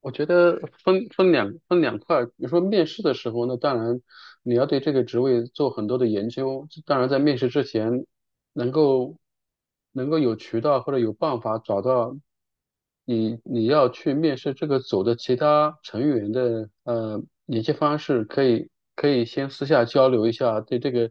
我觉得分两块儿，比如说面试的时候那当然你要对这个职位做很多的研究，当然在面试之前能够能够有渠道或者有办法找到你要去面试这个组的其他成员的联系方式，可以先私下交流一下，对这个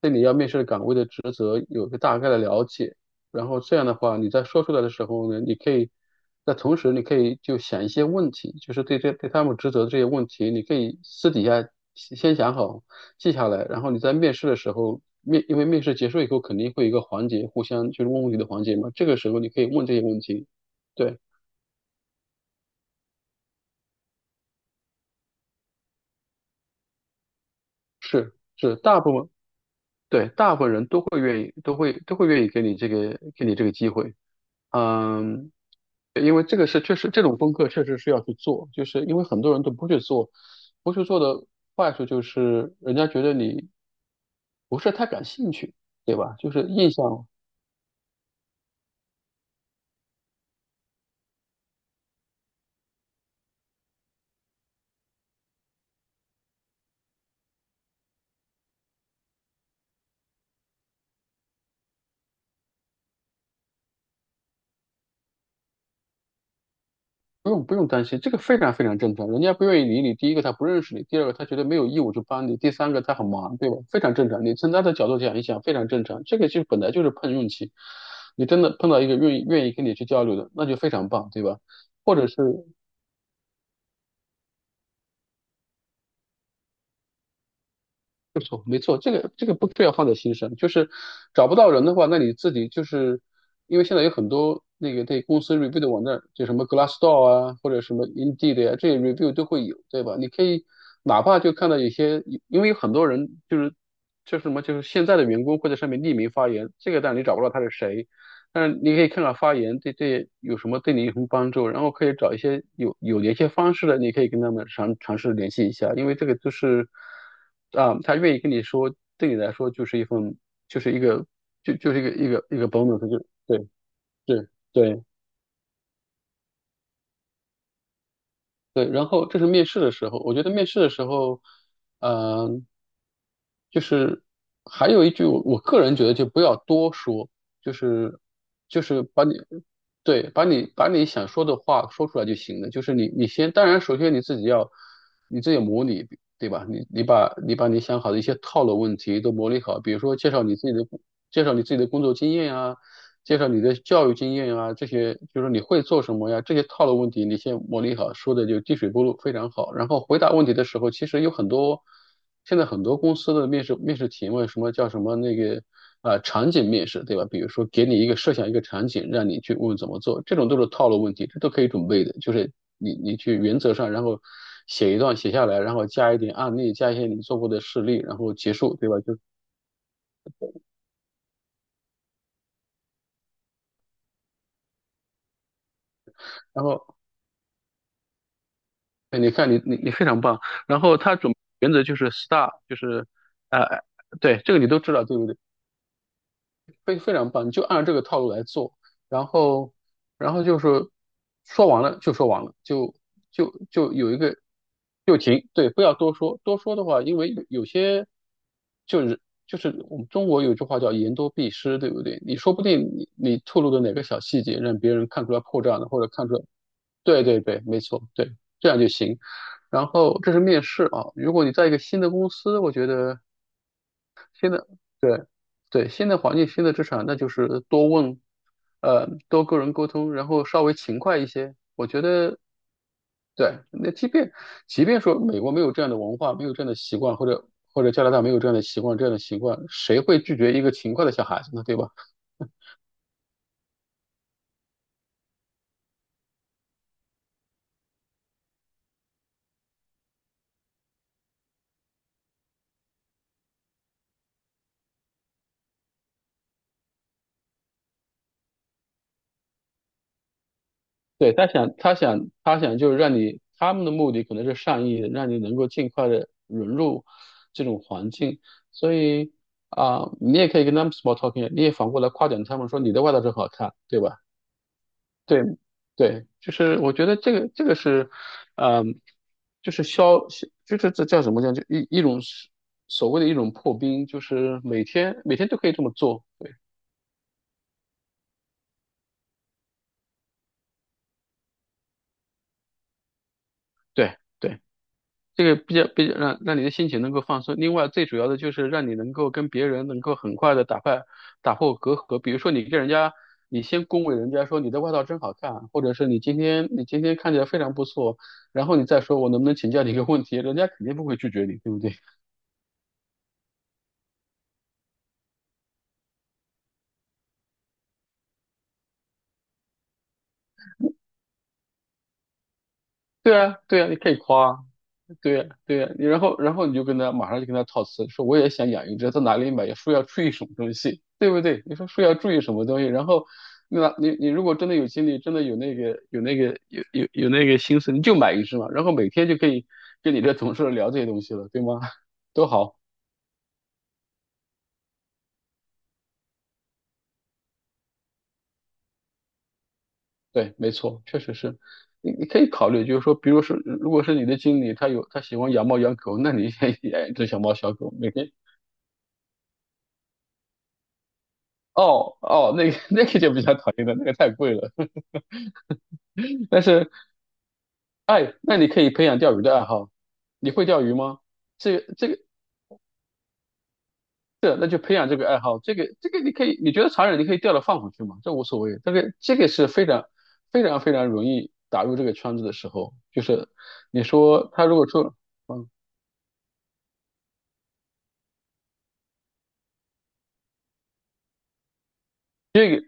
对你要面试的岗位的职责有个大概的了解。然后这样的话，你在说出来的时候呢，你可以在同时，你可以就想一些问题，就是对这对他们职责的这些问题，你可以私底下先想好，记下来，然后你在面试的时候，因为面试结束以后肯定会有一个环节，互相就是问问题的环节嘛，这个时候你可以问这些问题。对，是是，大部分对大部分人都会愿意，都会愿意给你这个给你这个机会。嗯，因为这个是确实这种功课确实是要去做，就是因为很多人都不去做，不去做的坏处就是人家觉得你不是太感兴趣，对吧？就是印象不用担心，这个非常非常正常。人家不愿意理你，第一个他不认识你，第二个他觉得没有义务去帮你，第三个他很忙，对吧？非常正常。你从他的角度讲一想，非常正常。这个就本来就是碰运气，你真的碰到一个愿意跟你去交流的，那就非常棒，对吧？或者是没错，这个这个不需要放在心上，就是找不到人的话，那你自己就是因为现在有很多那个对公司 review 的网站，就什么 Glassdoor 啊，或者什么 Indeed 呀、这些 review 都会有，对吧？你可以哪怕就看到有些，因为有很多人就是就是什么，就是现在的员工会在上面匿名发言，这个当然你找不到他是谁，但是你可以看看发言对有什么对你有什么帮助，然后可以找一些有联系方式的，你可以跟他们尝试联系一下，因为这个就是他愿意跟你说，对你来说就是一份就是一个就是一个一个 bonus，就对对对。对，然后这是面试的时候，我觉得面试的时候，嗯、就是还有一句我个人觉得就不要多说，就是就是把你对把你想说的话说出来就行了。就是你先，当然首先你自己要你自己模拟，对吧？你把你把你想好的一些套路问题都模拟好，比如说介绍你自己的介绍你自己的工作经验啊，介绍你的教育经验啊，这些就是你会做什么呀？这些套路问题你先磨砺好，说的就滴水不漏，非常好。然后回答问题的时候，其实有很多，现在很多公司的面试提问，什么叫什么那个场景面试，对吧？比如说给你一个设想一个场景，让你去问怎么做，这种都是套路问题，这都可以准备的。就是你去原则上，然后写一段写下来，然后加一点案例，加一些你做过的事例，然后结束，对吧？就然后哎，你看你非常棒。然后原则就是 STAR，就是呃，对，这个你都知道，对不对？非常棒，你就按这个套路来做。然后，然后就是说完了就说完了，就有一个就停，对，不要多说。多说的话，因为有些就是就是我们中国有句话叫言多必失，对不对？你说不定你透露的哪个小细节，让别人看出来破绽了，或者看出来。对对对，没错，对，这样就行。然后这是面试啊，如果你在一个新的公司，我觉得新的对对新的环境、新的职场，那就是多问，多跟人沟通，然后稍微勤快一些。我觉得对，那即便即便说美国没有这样的文化，没有这样的习惯，或者或者加拿大没有这样的习惯，这样的习惯，谁会拒绝一个勤快的小孩子呢？对吧？对，他想，他想，他想就是让你，他们的目的可能是善意的，让你能够尽快的融入这种环境。所以你也可以跟他们 small talking，啊你也反过来夸奖他们说你的外套真好看，对吧？对，对，就是我觉得这个是，嗯、就是消，就是这叫什么叫一种所谓的一种破冰，就是每天每天都可以这么做。对，对，对。这个比较比较让你的心情能够放松。另外，最主要的就是让你能够跟别人能够很快的打破隔阂。比如说，你跟人家，你先恭维人家说你的外套真好看，或者是你今天你今天看起来非常不错，然后你再说我能不能请教你一个问题，人家肯定不会拒绝你，对不对？对啊，对啊，你可以夸啊对呀，对呀，然后然后你就跟他马上就跟他套词，说我也想养一只，在哪里买？说要注意什么东西，对不对？你说要注意什么东西，然后那你如果真的有精力，真的有那个有那个有有那个心思，你就买一只嘛，然后每天就可以跟你这同事聊这些东西了，对吗？都好，对，没错，确实是。你可以考虑，就是说，比如说，如果是你的经理，他喜欢养猫养狗，那你也养一只小猫小狗，每天。哦，那个 那个就比较讨厌了，那个太贵了。但是哎，那你可以培养钓鱼的爱好。你会钓鱼吗？这个、这个、那就培养这个爱好。你可以，你觉得残忍，你可以钓了放回去嘛，这无所谓。这个、这个是非常、非常、非常容易打入这个圈子的时候，就是你说他如果说，嗯，这个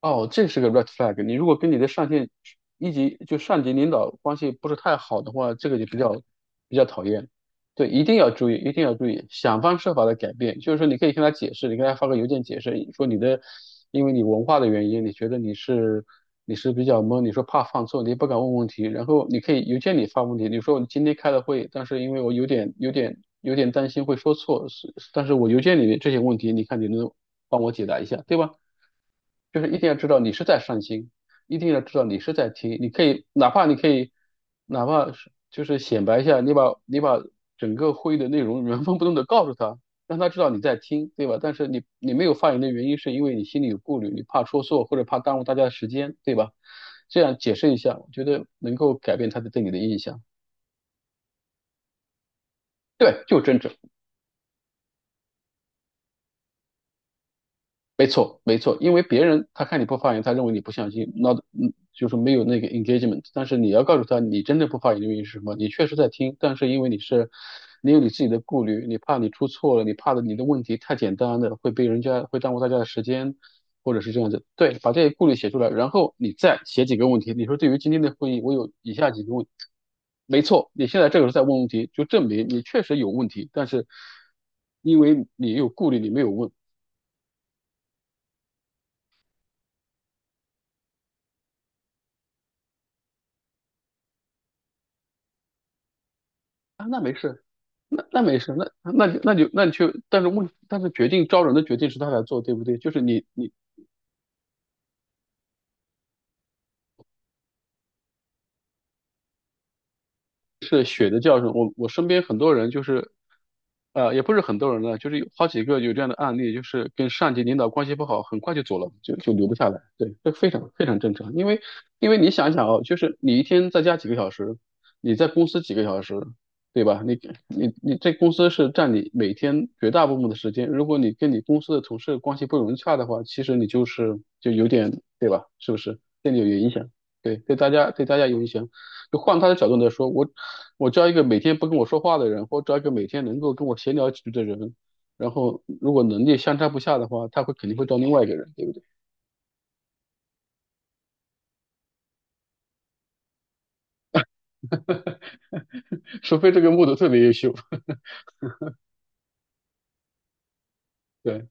哦，这是个 red flag。你如果跟你的一级就上级领导关系不是太好的话，这个就比较比较讨厌。对，一定要注意，一定要注意，想方设法的改变。就是说，你可以跟他解释，你跟他发个邮件解释，说你的，因为你文化的原因，你觉得你是比较懵，你说怕犯错，你也不敢问问题。然后你可以邮件里发问题，你说我今天开了会，但是因为我有点有点担心会说错，是但是我邮件里面这些问题，你看你能帮我解答一下，对吧？就是一定要知道你是在上心。一定要知道你是在听，你可以哪怕是就是显摆一下，你把整个会议的内容原封不动的告诉他，让他知道你在听，对吧？但是你没有发言的原因是因为你心里有顾虑，你怕说错或者怕耽误大家的时间，对吧？这样解释一下，我觉得能够改变他的对你的印象。对，就是真诚。没错，没错，因为别人他看你不发言，他认为你不相信，那嗯就是没有那个 engagement。但是你要告诉他，你真的不发言的原因是什么？你确实在听，但是因为你是，你有你自己的顾虑，你怕你出错了，你的问题太简单了，会被人家会耽误大家的时间，或者是这样子。对，把这些顾虑写出来，然后你再写几个问题。你说对于今天的会议，我有以下几个问题，没错，你现在这个时候在问问题，就证明你确实有问题，但是因为你有顾虑，你没有问。啊，那没事，那你去，但是问，但是决定招人的决定是他来做，对不对？就是是血的教训。我身边很多人就是，也不是很多人了，就是有好几个有这样的案例，就是跟上级领导关系不好，很快就走了，就留不下来。对，这非常非常正常，因为因为你想一想哦，就是你一天在家几个小时，你在公司几个小时，对吧？你这公司是占你每天绝大部分的时间，如果你跟你公司的同事关系不融洽的话，其实你就是就有点，对吧？是不是？对你有影响，对，对大家有影响。就换他的角度来说，我招一个每天不跟我说话的人，或招一个每天能够跟我闲聊几句的人，然后如果能力相差不下的话，肯定会招另外一个人，对不对？除非这个木头特别优秀，对。